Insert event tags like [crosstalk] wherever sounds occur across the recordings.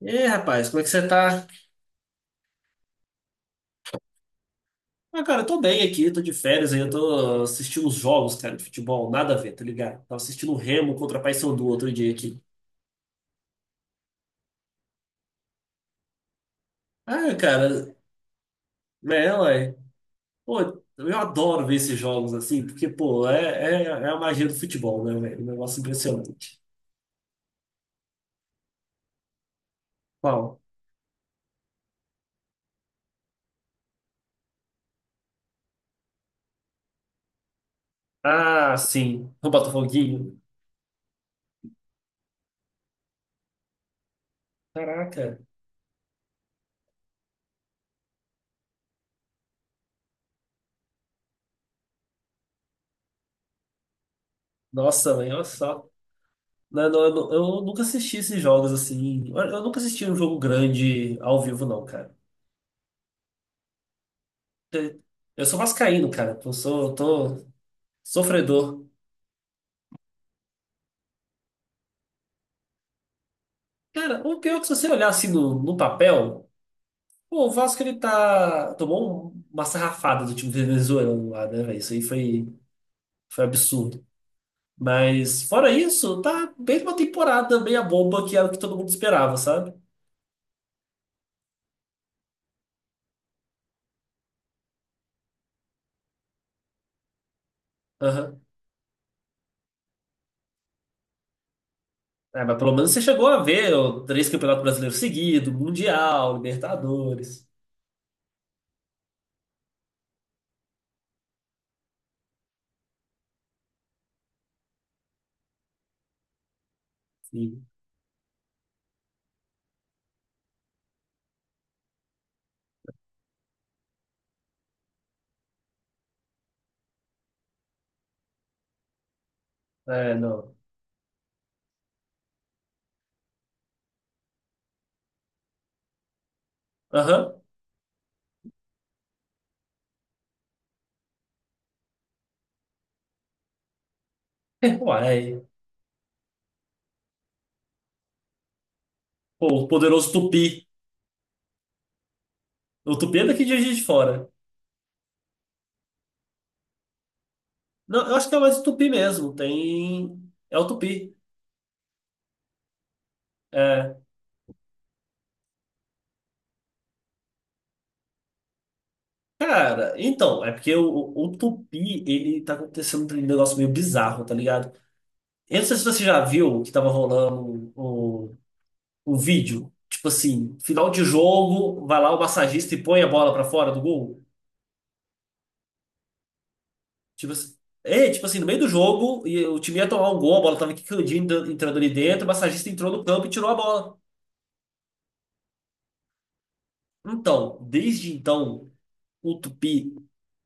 E aí, rapaz, como é que você tá? Ah, cara, eu tô bem aqui, tô de férias aí, eu tô assistindo os jogos, cara, de futebol, nada a ver, tá ligado? Tava assistindo o Remo contra a Paysandu outro dia aqui. Ah, cara, é, ué. Pô, eu adoro ver esses jogos assim, porque, pô, é a magia do futebol, né, velho? Um negócio impressionante. Qual? Ah, sim, o Botafoguinho. Caraca, nossa, velho, olha só. Não, eu nunca assisti esses jogos assim. Eu nunca assisti um jogo grande ao vivo, não, cara. Eu sou vascaíno, cara. Eu sou, tô sofredor. Cara, o pior é que se você olhar assim no papel, pô, o Vasco ele tá. Tomou uma sarrafada do time venezuelano lá, né, velho? Foi absurdo. Mas, fora isso, tá bem uma temporada meia bomba que era o que todo mundo esperava, sabe? Aham. É, mas pelo menos você chegou a ver ó, três campeonatos brasileiros seguidos, Mundial, Libertadores. Sim. É, não. Aham. [laughs] Uai. Pô, o poderoso Tupi. O Tupi é daqui de Juiz de Fora. Não, eu acho que é mais o Tupi mesmo. Tem. É o Tupi. É. Cara, então, o Tupi, ele tá acontecendo um negócio meio bizarro, tá ligado? Eu não sei se você já viu que tava rolando um vídeo. Tipo assim, final de jogo, vai lá o massagista e põe a bola pra fora do gol. Tipo assim. É, tipo assim, no meio do jogo, e o time ia tomar um gol, a bola tava quicandinha entrando ali dentro, o massagista entrou no campo e tirou a bola. Então, desde então. O Tupi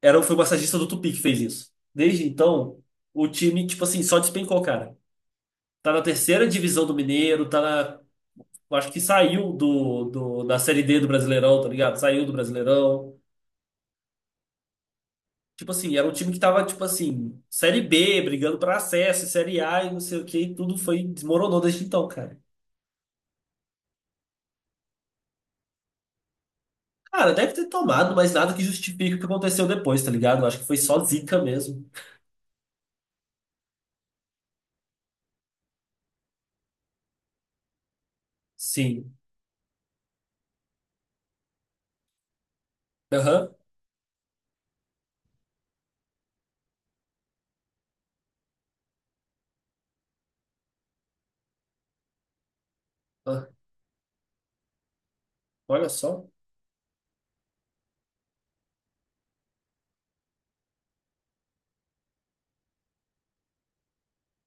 era, foi o massagista do Tupi que fez isso. Desde então, o time, tipo assim, só despencou, cara. Tá na terceira divisão do Mineiro, tá na. Eu acho que saiu da Série D do Brasileirão, tá ligado? Saiu do Brasileirão. Tipo assim, era um time que tava, tipo assim, Série B, brigando pra acesso, Série A e não sei o que, e tudo foi, desmoronou desde então, cara. Cara, deve ter tomado, mas nada que justifique o que aconteceu depois, tá ligado? Eu acho que foi só zica mesmo. Sim. Aham. Ah, olha só.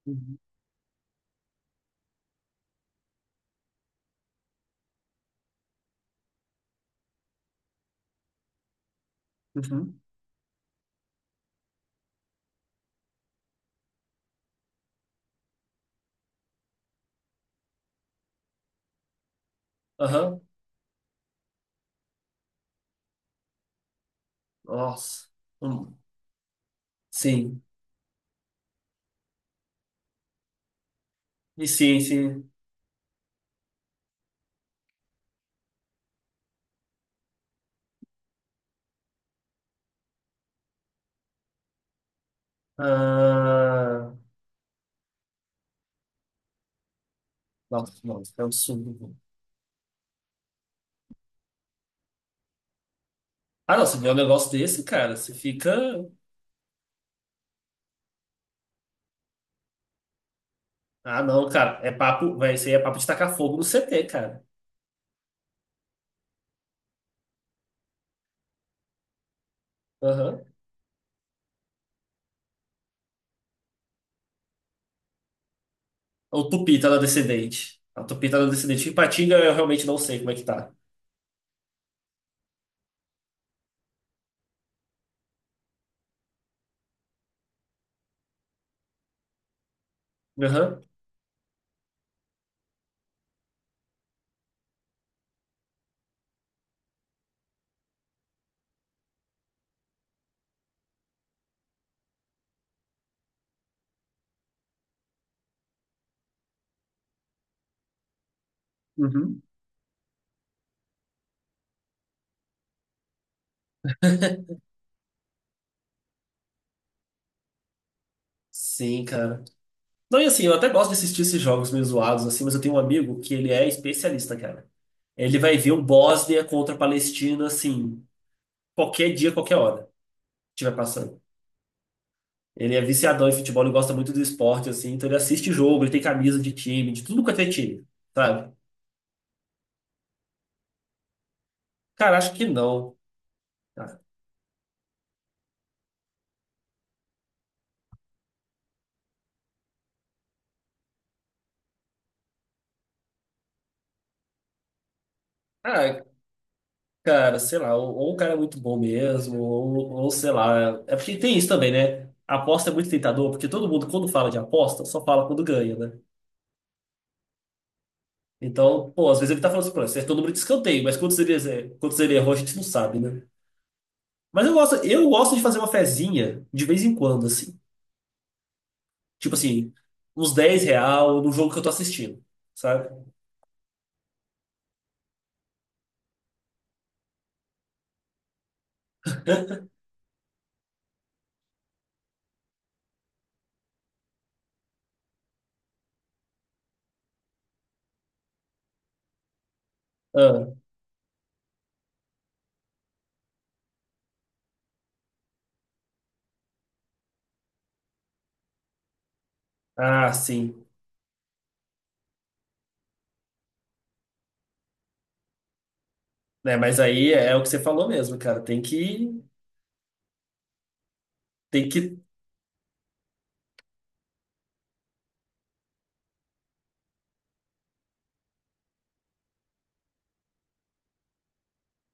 Uhum. Uhum. Aham. Nossa. Hum, Sim. E sim, sim. Ah, nossa, nossa, é um absurdo. Ah, não, você vê um negócio desse, cara, você fica. Ah, não, cara, é papo, vai ser papo de tacar fogo no CT, cara. Aham. O Tupi tá na descendente. A Tupi tá na descendente. Ipatinga, eu realmente não sei como é que tá. Aham. Uhum. Sim, cara. Não, e assim, eu até gosto de assistir esses jogos meio zoados, assim, mas eu tenho um amigo que ele é especialista, cara. Ele vai ver o Bósnia contra a Palestina, assim, qualquer dia, qualquer hora estiver passando. Ele é viciadão em futebol, ele gosta muito do esporte, assim, então ele assiste jogo, ele tem camisa de time, de tudo quanto é time, sabe? Cara, acho que não. Ah, ah, cara, sei lá, ou o cara é muito bom mesmo, ou sei lá. É porque tem isso também, né? A aposta é muito tentador, porque todo mundo, quando fala de aposta, só fala quando ganha, né? Então, pô, às vezes ele tá falando assim, pô, acertou o número de escanteio, mas quantos ele errou, a gente não sabe, né? Mas eu gosto de fazer uma fezinha de vez em quando, assim. Tipo assim, uns 10 real no jogo que eu tô assistindo, sabe? Ah, ah, sim. Né, mas aí é o que você falou mesmo, cara. Tem que. Tem que.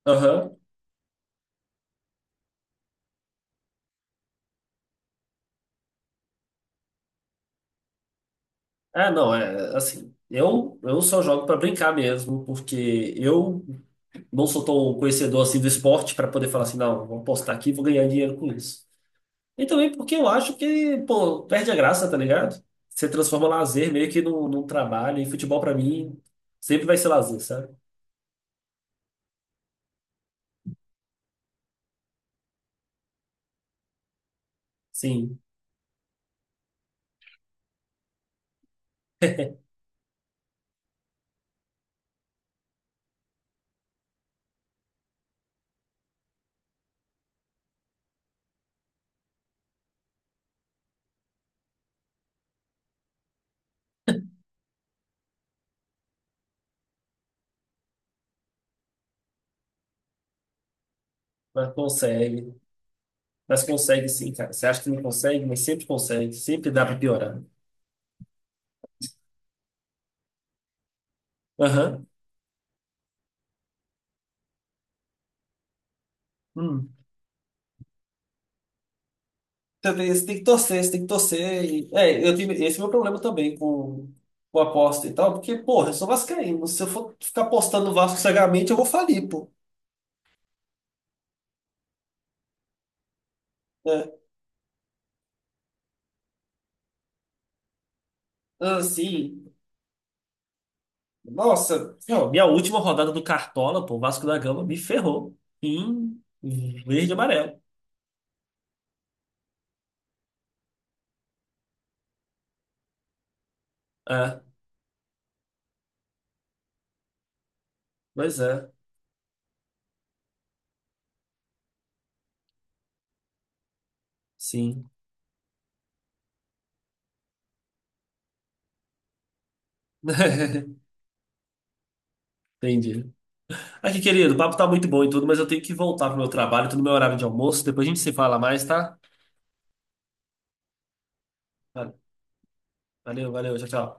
Aham. Ah, não, é assim. Eu só jogo pra brincar mesmo, porque eu não sou tão conhecedor assim do esporte pra poder falar assim, não, vou postar aqui e vou ganhar dinheiro com isso. E também porque eu acho que, pô, perde a graça, tá ligado? Você transforma lazer meio que num trabalho, e futebol pra mim sempre vai ser lazer, sabe? Sim, mas consegue. Mas consegue sim, cara. Você acha que não consegue, mas sempre consegue. Sempre dá pra piorar. Aham. Hum. Também você tem que torcer, você tem que torcer. E, é, eu tive esse o meu problema também com aposta e tal, porque, porra, eu sou vascaíno. Se eu for ficar apostando no Vasco cegamente, eu vou falir, pô. Né? Assim, nossa, não, minha última rodada do Cartola, pô, o Vasco da Gama me ferrou. Em verde e amarelo. Ah, pois é. Sim. [laughs] Entendi. Aqui, querido, o papo tá muito bom e tudo, mas eu tenho que voltar pro meu trabalho, tô no meu horário de almoço. Depois a gente se fala mais, tá? Vale, valeu, valeu, tchau, tchau.